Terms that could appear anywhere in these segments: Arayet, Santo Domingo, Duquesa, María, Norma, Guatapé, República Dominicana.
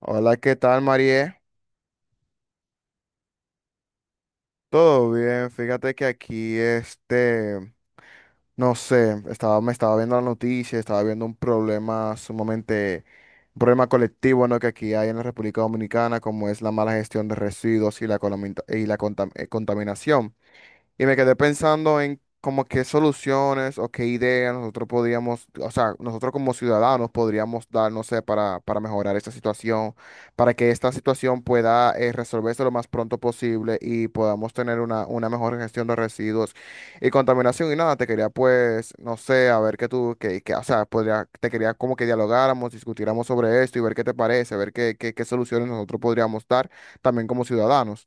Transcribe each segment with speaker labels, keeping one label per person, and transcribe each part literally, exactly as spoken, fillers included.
Speaker 1: Hola, ¿qué tal, María? Todo bien, fíjate que aquí, este, no sé, estaba, me estaba viendo la noticia, estaba viendo un problema sumamente, un problema colectivo, ¿no? Que aquí hay en la República Dominicana, como es la mala gestión de residuos y la, colomita- y la contam- eh, contaminación. Y me quedé pensando en como qué soluciones o qué ideas nosotros podríamos, o sea, nosotros como ciudadanos podríamos dar, no sé, para, para mejorar esta situación, para que esta situación pueda eh, resolverse lo más pronto posible y podamos tener una, una mejor gestión de residuos y contaminación. Y nada, te quería pues, no sé, a ver qué tú, que, que, o sea, podría, te quería como que dialogáramos, discutiéramos sobre esto y ver qué te parece, ver qué, qué, qué soluciones nosotros podríamos dar también como ciudadanos.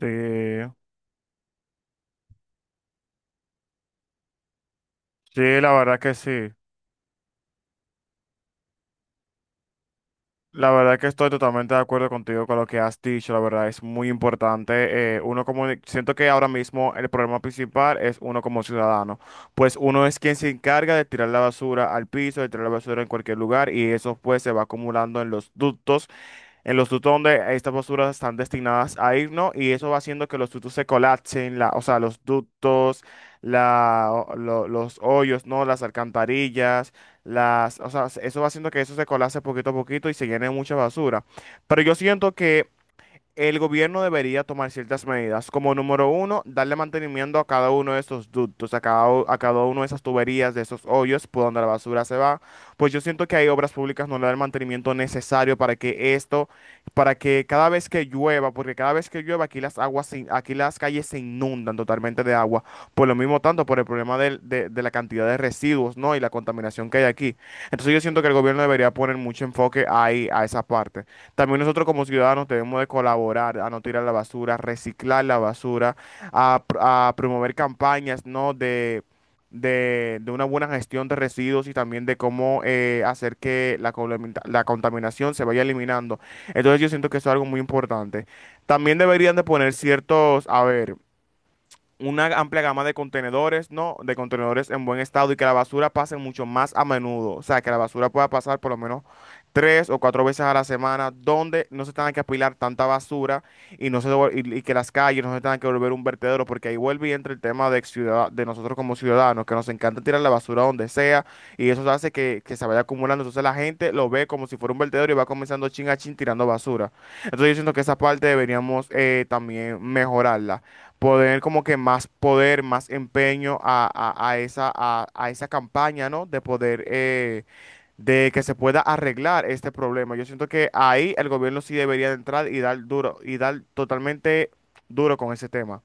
Speaker 1: Sí, sí, la verdad que sí. La verdad que estoy totalmente de acuerdo contigo con lo que has dicho, la verdad es muy importante. eh, uno como, siento que ahora mismo el problema principal es uno como ciudadano, pues uno es quien se encarga de tirar la basura al piso, de tirar la basura en cualquier lugar y eso pues se va acumulando en los ductos, en los tutos donde estas posturas están destinadas a ir, ¿no? Y eso va haciendo que los tutos se colapsen, la, o sea, los ductos, la, o- lo- los hoyos, ¿no? Las alcantarillas, las, o sea, eso va haciendo que eso se colapse poquito a poquito y se llene de mucha basura. Pero yo siento que el gobierno debería tomar ciertas medidas, como número uno, darle mantenimiento a cada uno de esos ductos, a cada, u- a cada uno de esas tuberías, de esos hoyos por donde la basura se va. Pues yo siento que hay obras públicas no le dan el mantenimiento necesario para que esto, para que cada vez que llueva, porque cada vez que llueva aquí las aguas, se in- aquí las calles se inundan totalmente de agua, por lo mismo tanto, por el problema del- de, de la cantidad de residuos, ¿no? Y la contaminación que hay aquí. Entonces yo siento que el gobierno debería poner mucho enfoque ahí, a esa parte. También nosotros como ciudadanos debemos de colaborar a no tirar la basura, reciclar la basura, a, pr- a promover campañas, ¿no? de, de, de una buena gestión de residuos y también de cómo eh, hacer que la, colamita- la contaminación se vaya eliminando. Entonces yo siento que eso es algo muy importante. También deberían de poner ciertos, a ver, una amplia gama de contenedores, ¿no? De contenedores en buen estado y que la basura pase mucho más a menudo. O sea, que la basura pueda pasar por lo menos tres o cuatro veces a la semana, donde no se tenga que apilar tanta basura y, no se, devol- y, y que las calles no se tengan que volver un vertedero, porque ahí vuelve y entra el tema de, ciudad, de nosotros como ciudadanos, que nos encanta tirar la basura donde sea y eso hace que, que se vaya acumulando. Entonces la gente lo ve como si fuera un vertedero y va comenzando chin a chin tirando basura. Entonces yo siento que esa parte deberíamos eh, también mejorarla, poder como que más poder, más empeño a, a- a esa, a, a esa campaña, ¿no? De poder, eh, de que se pueda arreglar este problema. Yo siento que ahí el gobierno sí debería de entrar y dar duro, y dar totalmente duro con ese tema.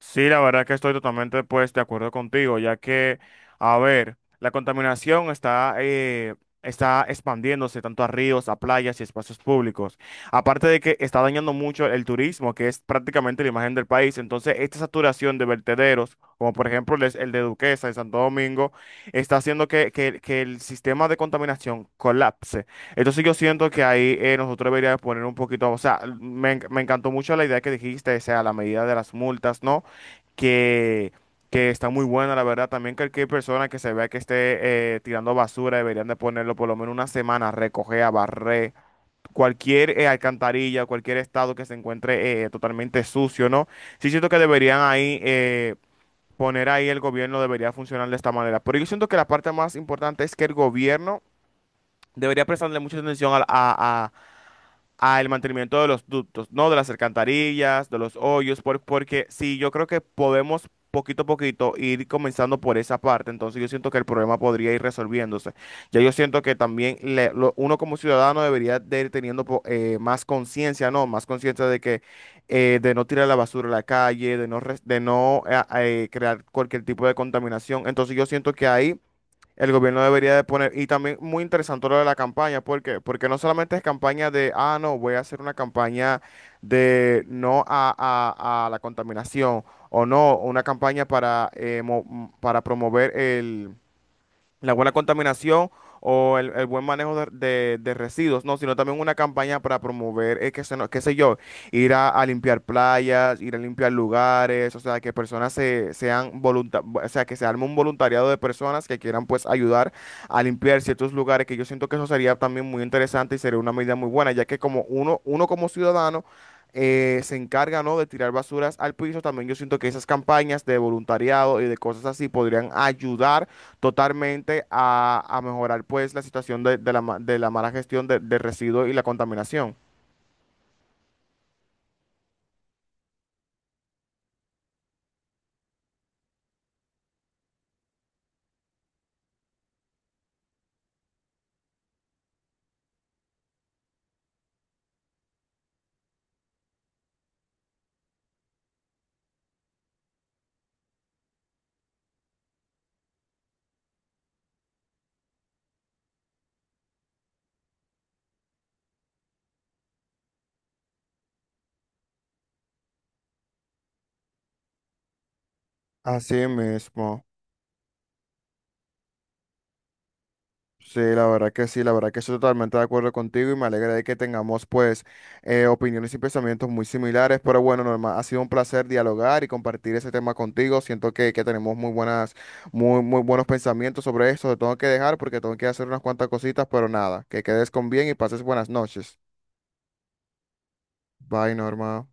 Speaker 1: Sí, la verdad que estoy totalmente pues de acuerdo contigo, ya que, a ver, la contaminación está, eh, está expandiéndose tanto a ríos, a playas y espacios públicos. Aparte de que está dañando mucho el turismo, que es prácticamente la imagen del país. Entonces, esta saturación de vertederos, como por ejemplo el, el de Duquesa en Santo Domingo, está haciendo que, que- que el sistema de contaminación colapse. Entonces, yo siento que ahí eh, nosotros deberíamos poner un poquito, o sea, me, en- me encantó mucho la idea que dijiste, o sea, la medida de las multas, ¿no? que, que está muy buena, la verdad. También cualquier persona que se vea que esté eh, tirando basura deberían de ponerlo por lo menos una semana, a recoger, a barrer, cualquier eh, alcantarilla, cualquier estado que se encuentre eh, totalmente sucio, ¿no? Sí siento que deberían ahí eh, poner ahí el gobierno, debería funcionar de esta manera. Pero yo siento que la parte más importante es que el gobierno debería prestarle mucha atención a, a, al mantenimiento de los ductos, ¿no? De las alcantarillas, de los hoyos, por- porque sí, yo creo que podemos poquito a poquito ir comenzando por esa parte, entonces yo siento que el problema podría ir resolviéndose. Ya yo siento que también le- lo- uno como ciudadano debería de ir teniendo po- eh, más conciencia, ¿no? Más conciencia de que eh, de no tirar la basura a la calle, de no, res- de no eh, eh, crear cualquier tipo de contaminación. Entonces yo siento que ahí... El gobierno debería de poner, y también muy interesante lo de la campaña, ¿por qué? Porque no solamente es campaña de, ah, no, voy a hacer una campaña de no a, a- a la contaminación, o no, una campaña para, eh, mo- para promover el, la buena contaminación o el, el buen manejo de, de- de residuos, no, sino también una campaña para promover, eh, que se no- qué sé yo, ir a, a limpiar playas, ir a limpiar lugares, o sea, que personas se, sean volunta- o sea, que se arme un voluntariado de personas que quieran pues ayudar a limpiar ciertos lugares, que yo siento que eso sería también muy interesante y sería una medida muy buena, ya que como uno, uno como ciudadano eh, se encarga, ¿no? de tirar basuras al piso. También yo siento que esas campañas de voluntariado y de cosas así podrían ayudar totalmente a, a mejorar, pues, la situación de, de la, ma- de la mala gestión de, de residuos y la contaminación. Así mismo. Sí, la verdad que sí, la verdad que estoy totalmente de acuerdo contigo y me alegra de que tengamos pues eh, opiniones y pensamientos muy similares, pero bueno, Norma, ha sido un placer dialogar y compartir ese tema contigo. Siento que, que tenemos muy buenas, muy, muy buenos pensamientos sobre esto. Te tengo que dejar porque tengo que hacer unas cuantas cositas, pero nada, que quedes con bien y pases buenas noches. Bye, Norma.